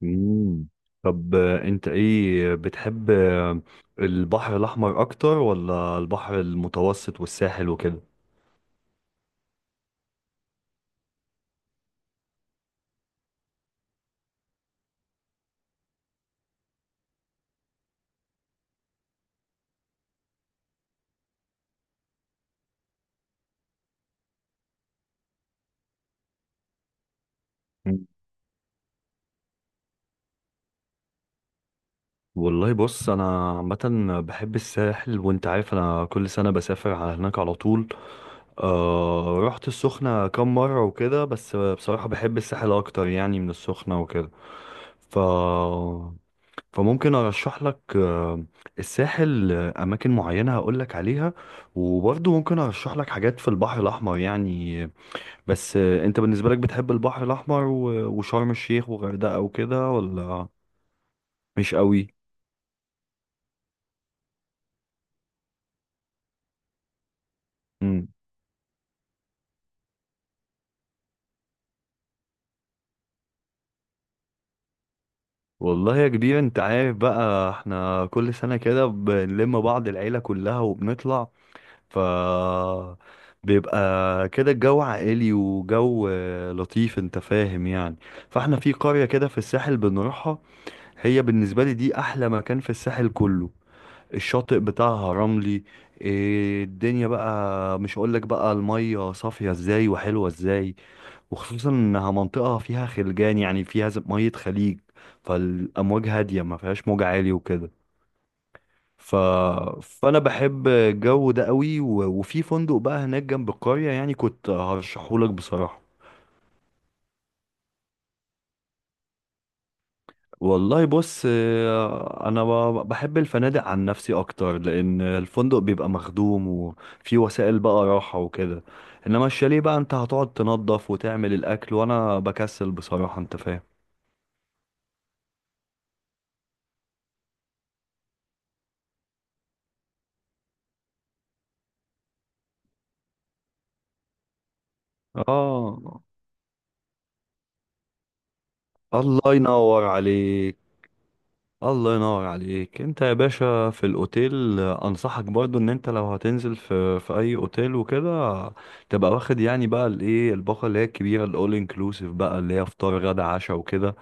مم. طب، انت ايه بتحب، البحر الاحمر اكتر ولا البحر المتوسط والساحل وكده؟ مم. والله بص، انا عامه بحب الساحل، وانت عارف انا كل سنه بسافر على هناك على طول. رحت السخنه كام مره وكده، بس بصراحه بحب الساحل اكتر يعني من السخنه وكده. ف فممكن ارشح لك، الساحل، اماكن معينه هقول لك عليها، وبرضه ممكن ارشح لك حاجات في البحر الاحمر يعني. بس انت بالنسبه لك بتحب البحر الاحمر وشرم الشيخ وغردقه وكده، ولا مش قوي؟ مم. والله يا كبير، انت عارف بقى احنا كل سنه كده بنلم بعض، العيله كلها وبنطلع. ف بيبقى كده الجو عائلي، وجو لطيف، انت فاهم يعني. فاحنا في قرية كده في الساحل بنروحها. هي بالنسبة لي دي أحلى مكان في الساحل كله. الشاطئ بتاعها رملي. إيه الدنيا بقى! مش هقولك بقى المية صافية ازاي وحلوة ازاي. وخصوصا انها منطقة فيها خلجان، يعني فيها مية خليج، فالأمواج هادية، ما فيهاش موج عالي وكده. ف... فأنا بحب الجو ده قوي وفي فندق بقى هناك جنب القرية، يعني كنت هرشحهولك بصراحة. والله بص، انا بحب الفنادق عن نفسي اكتر، لان الفندق بيبقى مخدوم، وفي وسائل بقى راحة وكده. انما الشاليه بقى انت هتقعد تنظف وتعمل الاكل، وانا بكسل بصراحة، انت فاهم. اه. الله ينور عليك. الله ينور عليك انت يا باشا. في الاوتيل، انصحك برضو ان انت لو هتنزل في اي اوتيل وكده، تبقى واخد يعني بقى الايه، الباقه اللي هي الكبيره، الاول انكلوسيف بقى اللي هي فطار غدا عشاء وكده،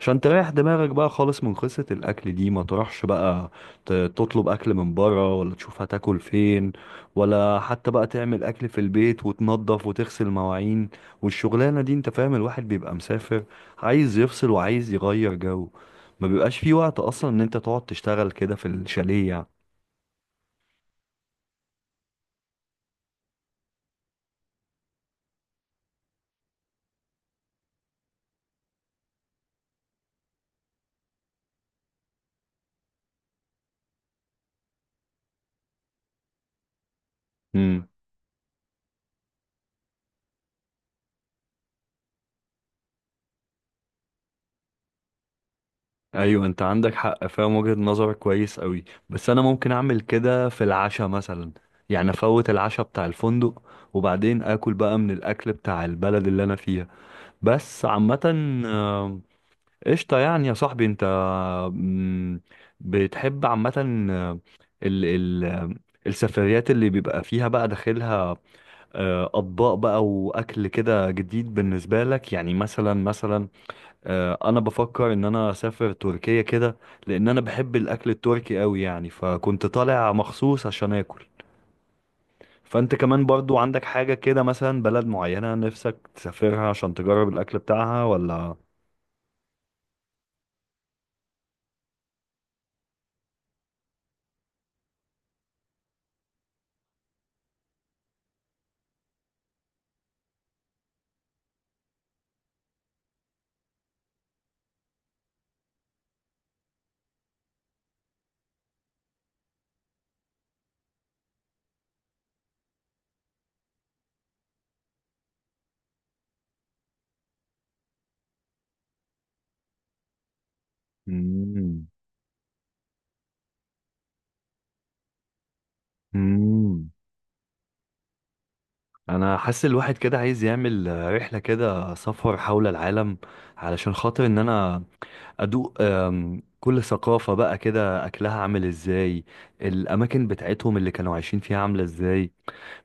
عشان تريح دماغك بقى خالص من قصه الاكل دي. ما تروحش بقى تطلب اكل من بره، ولا تشوف هتاكل فين، ولا حتى بقى تعمل اكل في البيت وتنظف وتغسل مواعين. والشغلانه دي، انت فاهم، الواحد بيبقى مسافر، عايز يفصل وعايز يغير جو. ما بيبقاش في وقت اصلا ان انت تقعد تشتغل كده في الشاليه يعني. امم. ايوه، انت عندك حق، فاهم وجهة نظرك كويس قوي. بس انا ممكن اعمل كده في العشاء مثلا. يعني افوت العشاء بتاع الفندق، وبعدين اكل بقى من الاكل بتاع البلد اللي انا فيها. بس عامة. آه، قشطة يعني يا صاحبي انت. مم، بتحب عامة، آه، ال ال السفريات اللي بيبقى فيها بقى داخلها اطباق بقى واكل كده جديد بالنسبه لك يعني، مثلا انا بفكر ان انا اسافر تركيا كده، لان انا بحب الاكل التركي قوي يعني، فكنت طالع مخصوص عشان اكل. فانت كمان برضو عندك حاجه كده، مثلا بلد معينه نفسك تسافرها عشان تجرب الاكل بتاعها ولا؟ مم. مم. انا حاسس الواحد كده عايز يعمل رحله، كده سفر حول العالم، علشان خاطر ان انا ادوق كل ثقافه بقى كده اكلها عامل ازاي، الاماكن بتاعتهم اللي كانوا عايشين فيها عامله ازاي.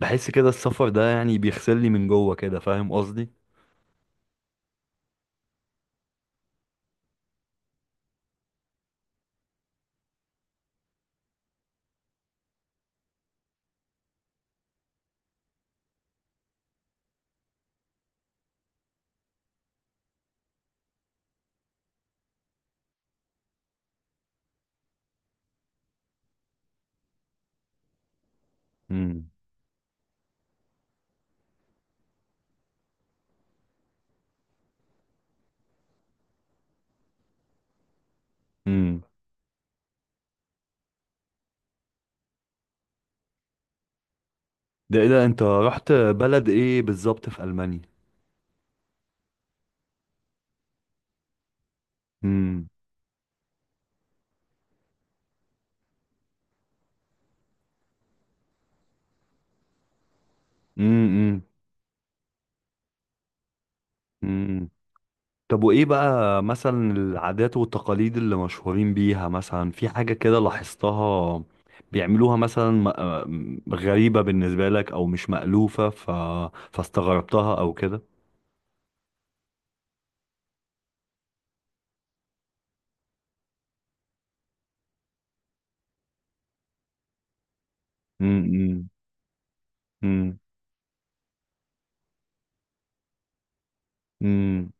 بحس كده السفر ده يعني بيغسلني من جوه كده، فاهم قصدي؟ امم. امم. ده ايه ده؟ انت رحت بلد ايه بالظبط في المانيا؟ امم. امم. طب وإيه بقى مثلا العادات والتقاليد اللي مشهورين بيها؟ مثلا في حاجة كده لاحظتها بيعملوها مثلا، غريبة بالنسبة لك أو مش مألوفة، فاستغربتها أو كده؟ أمم. أمم. أمم.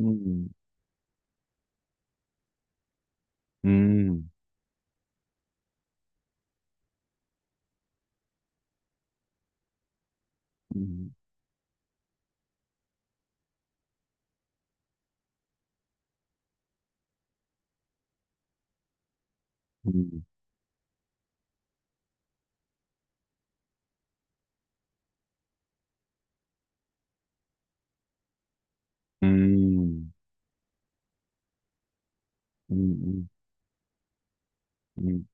أمم. أمم. أمم. أمم. أمم. أمم. أمم.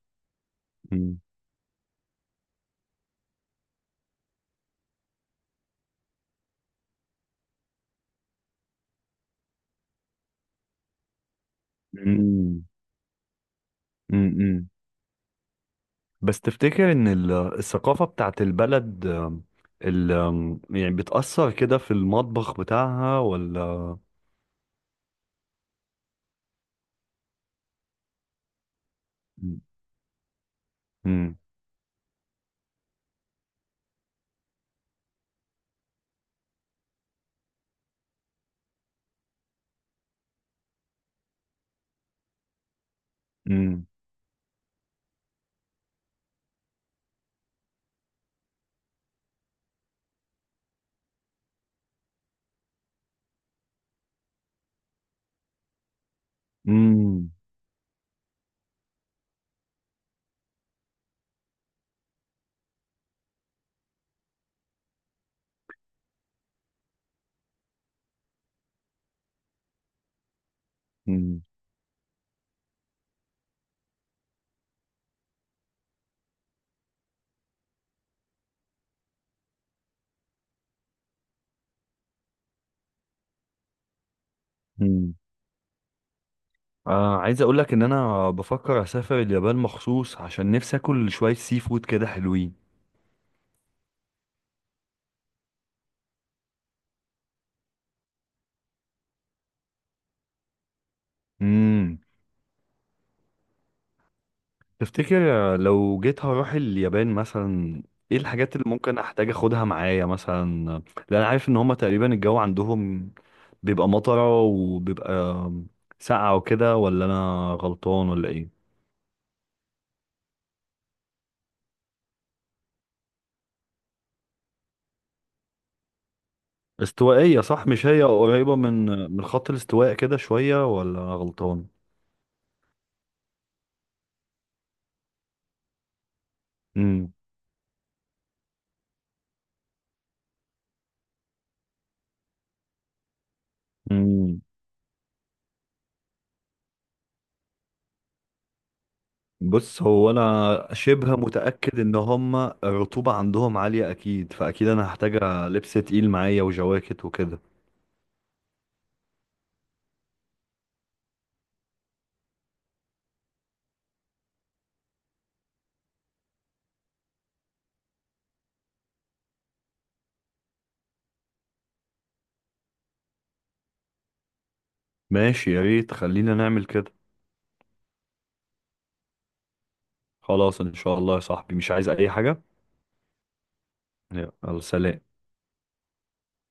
أمم. أمم. أمم. بس تفتكر ان الثقافة بتاعت البلد، ال آم، يعني بتأثر كده في المطبخ بتاعها ولا؟ مم. مم. مم. مم. مم. عايز اقول لك ان انا بفكر اسافر اليابان مخصوص، عشان نفسي اكل شوية سي فود كده حلوين. مم. تفتكر لو جيت هروح اليابان مثلا، ايه الحاجات اللي ممكن احتاج اخدها معايا مثلا؟ لان انا عارف ان هما تقريبا الجو عندهم بيبقى مطرة، وبيبقى ساقعة وكده، ولا انا غلطان ولا ايه؟ استوائية صح؟ مش هي قريبة من خط الاستواء كده شوية، ولا انا غلطان؟ امم. امم. بص، هو انا شبه متأكد ان هما الرطوبة عندهم عالية اكيد، فاكيد انا هحتاج لبس تقيل معايا وجواكت وكده. ماشي، يا ريت خلينا نعمل كده. خلاص ان شاء الله يا صاحبي، مش عايز اي حاجة. يلا سلام.